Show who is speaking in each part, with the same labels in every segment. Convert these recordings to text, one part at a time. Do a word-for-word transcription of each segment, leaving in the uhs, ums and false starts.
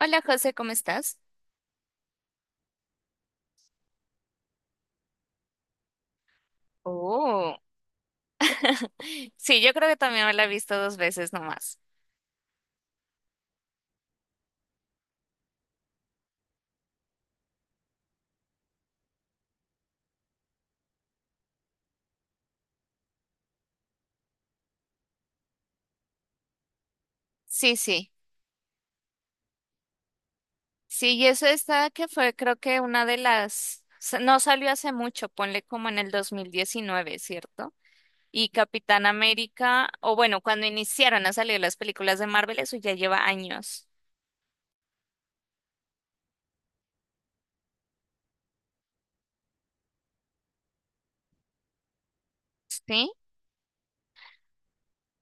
Speaker 1: Hola José, ¿cómo estás? Oh, sí, yo creo que también me la he visto dos veces nomás. Sí, sí, sí, y eso está que fue creo que una de las, sa- no salió hace mucho, ponle como en el dos mil diecinueve, ¿cierto? Y Capitán América, o bueno, cuando iniciaron a salir las películas de Marvel, eso ya lleva años. ¿Sí?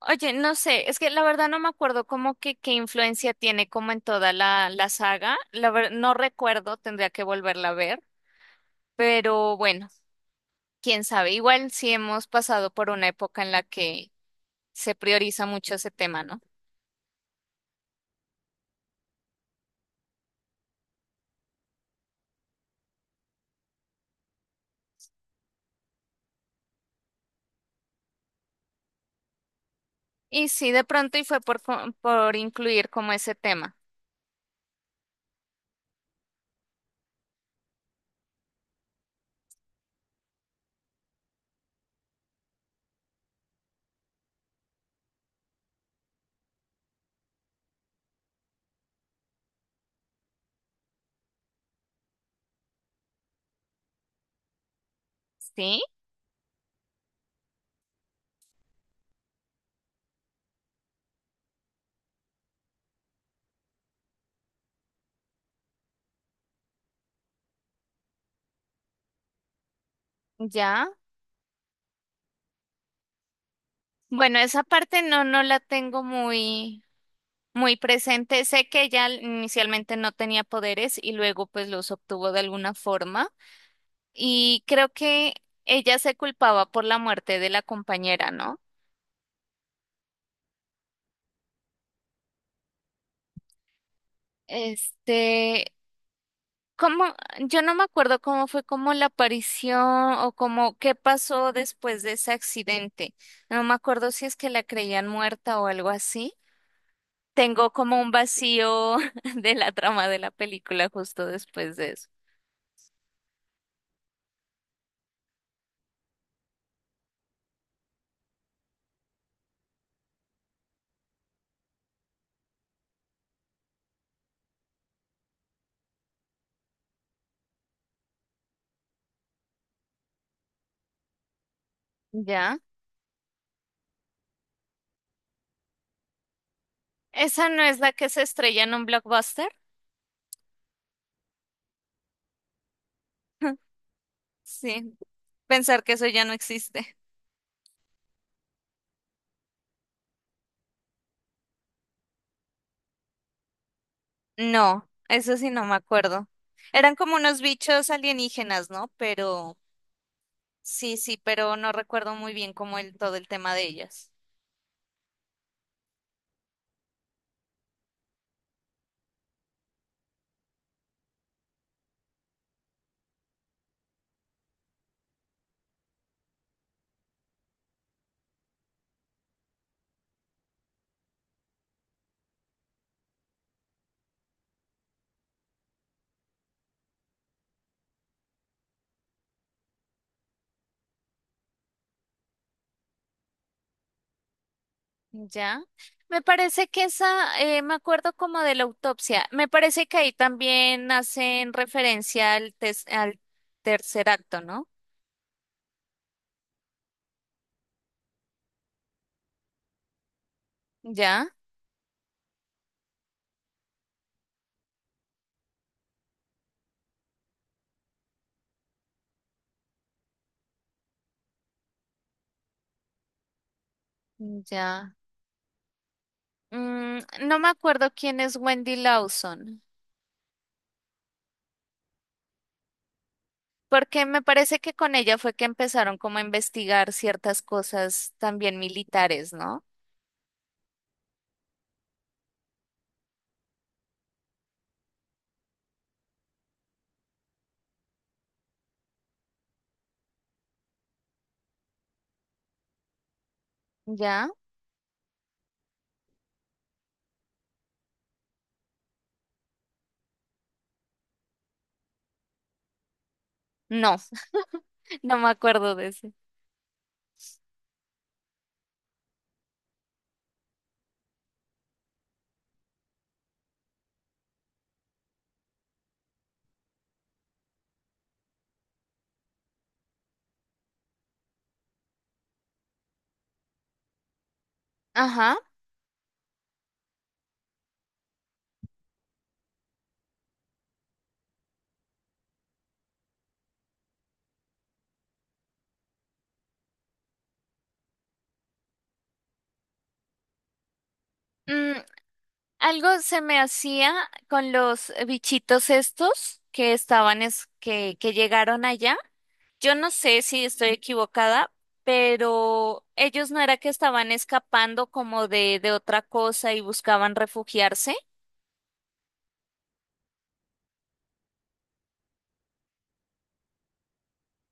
Speaker 1: Oye, no sé, es que la verdad no me acuerdo como que qué influencia tiene como en toda la, la saga, la ver- no recuerdo, tendría que volverla a ver. Pero bueno, quién sabe, igual sí hemos pasado por una época en la que se prioriza mucho ese tema, ¿no? Y sí, de pronto y fue por, co- por incluir como ese tema. ¿Sí? ¿Ya? Bueno, esa parte no, no la tengo muy, muy presente. Sé que ella inicialmente no tenía poderes y luego pues los obtuvo de alguna forma. Y creo que ella se culpaba por la muerte de la compañera, ¿no? Este, ¿cómo? Yo no me acuerdo cómo fue como la aparición o cómo qué pasó después de ese accidente. No me acuerdo si es que la creían muerta o algo así. Tengo como un vacío de la trama de la película justo después de eso. ¿Ya? ¿Esa no es la que se estrella en un blockbuster? Sí, pensar que eso ya no existe. No, eso sí no me acuerdo. Eran como unos bichos alienígenas, ¿no? Pero sí, sí, pero no recuerdo muy bien cómo el todo el tema de ellas. Ya. Me parece que esa, eh, me acuerdo como de la autopsia. Me parece que ahí también hacen referencia al, tes- al tercer acto, ¿no? Ya, ya. Mm, no me acuerdo quién es Wendy Lawson, porque me parece que con ella fue que empezaron como a investigar ciertas cosas también militares, ¿no? Ya. No, no me acuerdo de ese. Ajá. Algo se me hacía con los bichitos estos que estaban, es, que, que llegaron allá. Yo no sé si estoy equivocada, pero ellos no era que estaban escapando como de, de otra cosa y buscaban refugiarse.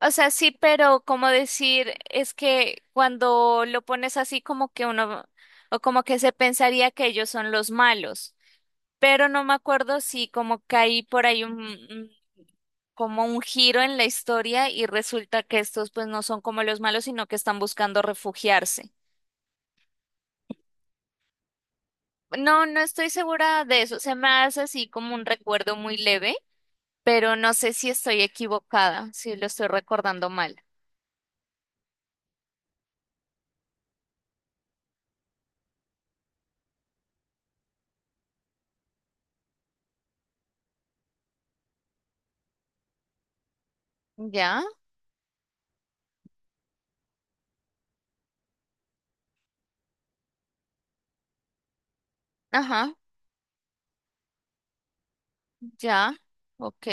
Speaker 1: O sea, sí, pero como decir, es que cuando lo pones así como que uno, o como que se pensaría que ellos son los malos. Pero no me acuerdo si como que hay por ahí un, como un giro en la historia y resulta que estos pues no son como los malos, sino que están buscando refugiarse. No, no estoy segura de eso. Se me hace así como un recuerdo muy leve, pero no sé si estoy equivocada, si lo estoy recordando mal. Ya, ajá, ya, ok.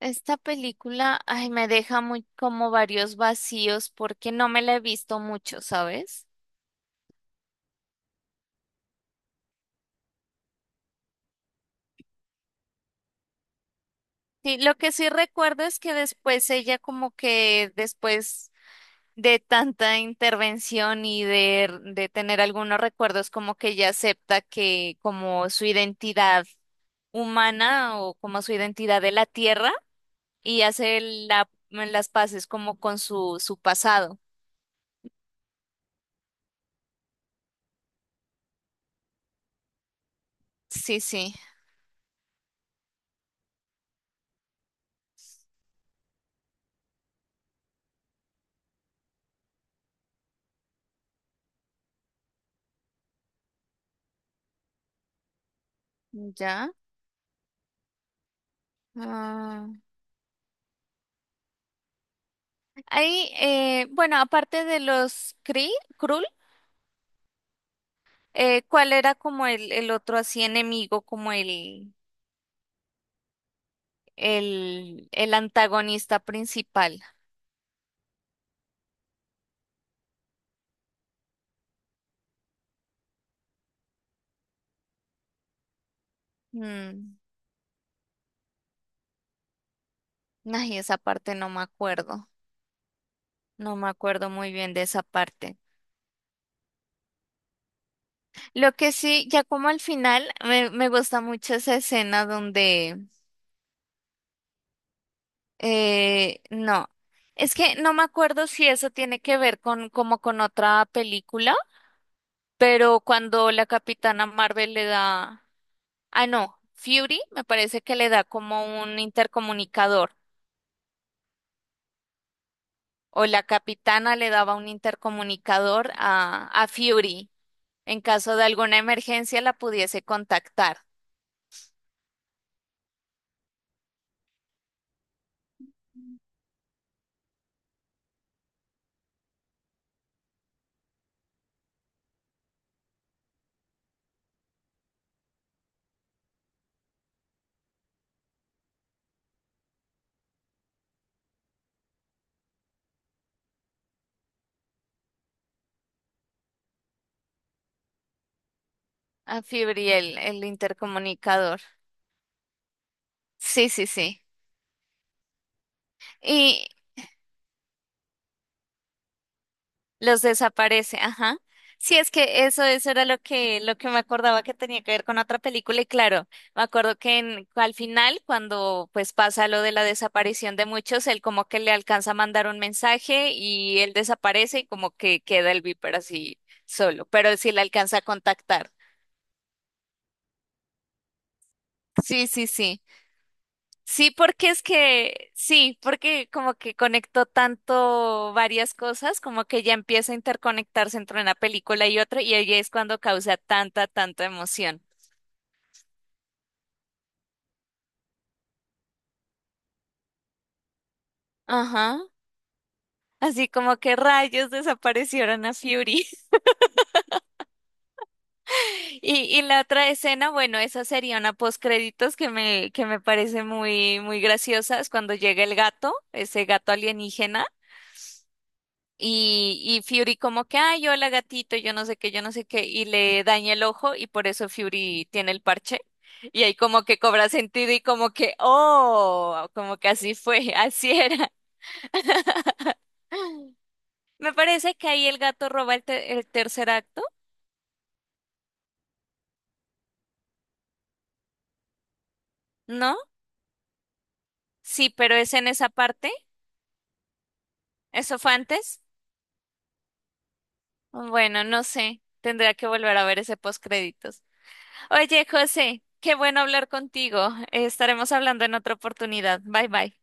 Speaker 1: Esta película, ay, me deja muy como varios vacíos porque no me la he visto mucho, ¿sabes? Sí, lo que sí recuerdo es que después ella como que después de tanta intervención y de, de tener algunos recuerdos como que ella acepta que como su identidad humana o como su identidad de la tierra y hace la- las paces como con su, su pasado. Sí, sí, ya. Ah, ahí, eh, bueno, aparte de los Kree, Krul, eh, ¿cuál era como el, el otro así enemigo, como el, el, el antagonista principal? Mm. Ay, esa parte no me acuerdo. No me acuerdo muy bien de esa parte. Lo que sí, ya como al final, me, me gusta mucho esa escena donde, eh, no, es que no me acuerdo si eso tiene que ver con como con otra película, pero cuando la Capitana Marvel le da, ah, no, Fury me parece que le da como un intercomunicador, o la Capitana le daba un intercomunicador a, a Fury, en caso de alguna emergencia la pudiese contactar a Fibriel, el intercomunicador. Sí, sí, sí. Y los desaparece, ajá. Sí, es que eso, eso era lo que, lo que me acordaba que tenía que ver con otra película, y claro, me acuerdo que en- al final, cuando pues pasa lo de la desaparición de muchos, él como que le alcanza a mandar un mensaje y él desaparece y como que queda el Viper así solo, pero sí le alcanza a contactar. Sí, sí, sí. Sí, porque es que, sí, porque como que conectó tanto varias cosas, como que ya empieza a interconectarse entre una película y otra, y ahí es cuando causa tanta, tanta emoción. Ajá. Así como que rayos desaparecieron a Fury. Y, y la otra escena, bueno, esa sería una postcréditos que me, que me parece muy, muy graciosa, es cuando llega el gato, ese gato alienígena. Y, y Fury como que, ay, hola gatito, yo no sé qué, yo no sé qué, y le daña el ojo y por eso Fury tiene el parche. Y ahí como que cobra sentido y como que, oh, como que así fue, así era. Me parece que ahí el gato roba el, te- el tercer acto, ¿no? Sí, pero es en esa parte. ¿Eso fue antes? Bueno, no sé. Tendría que volver a ver ese postcréditos. Oye, José, qué bueno hablar contigo. Estaremos hablando en otra oportunidad. Bye bye.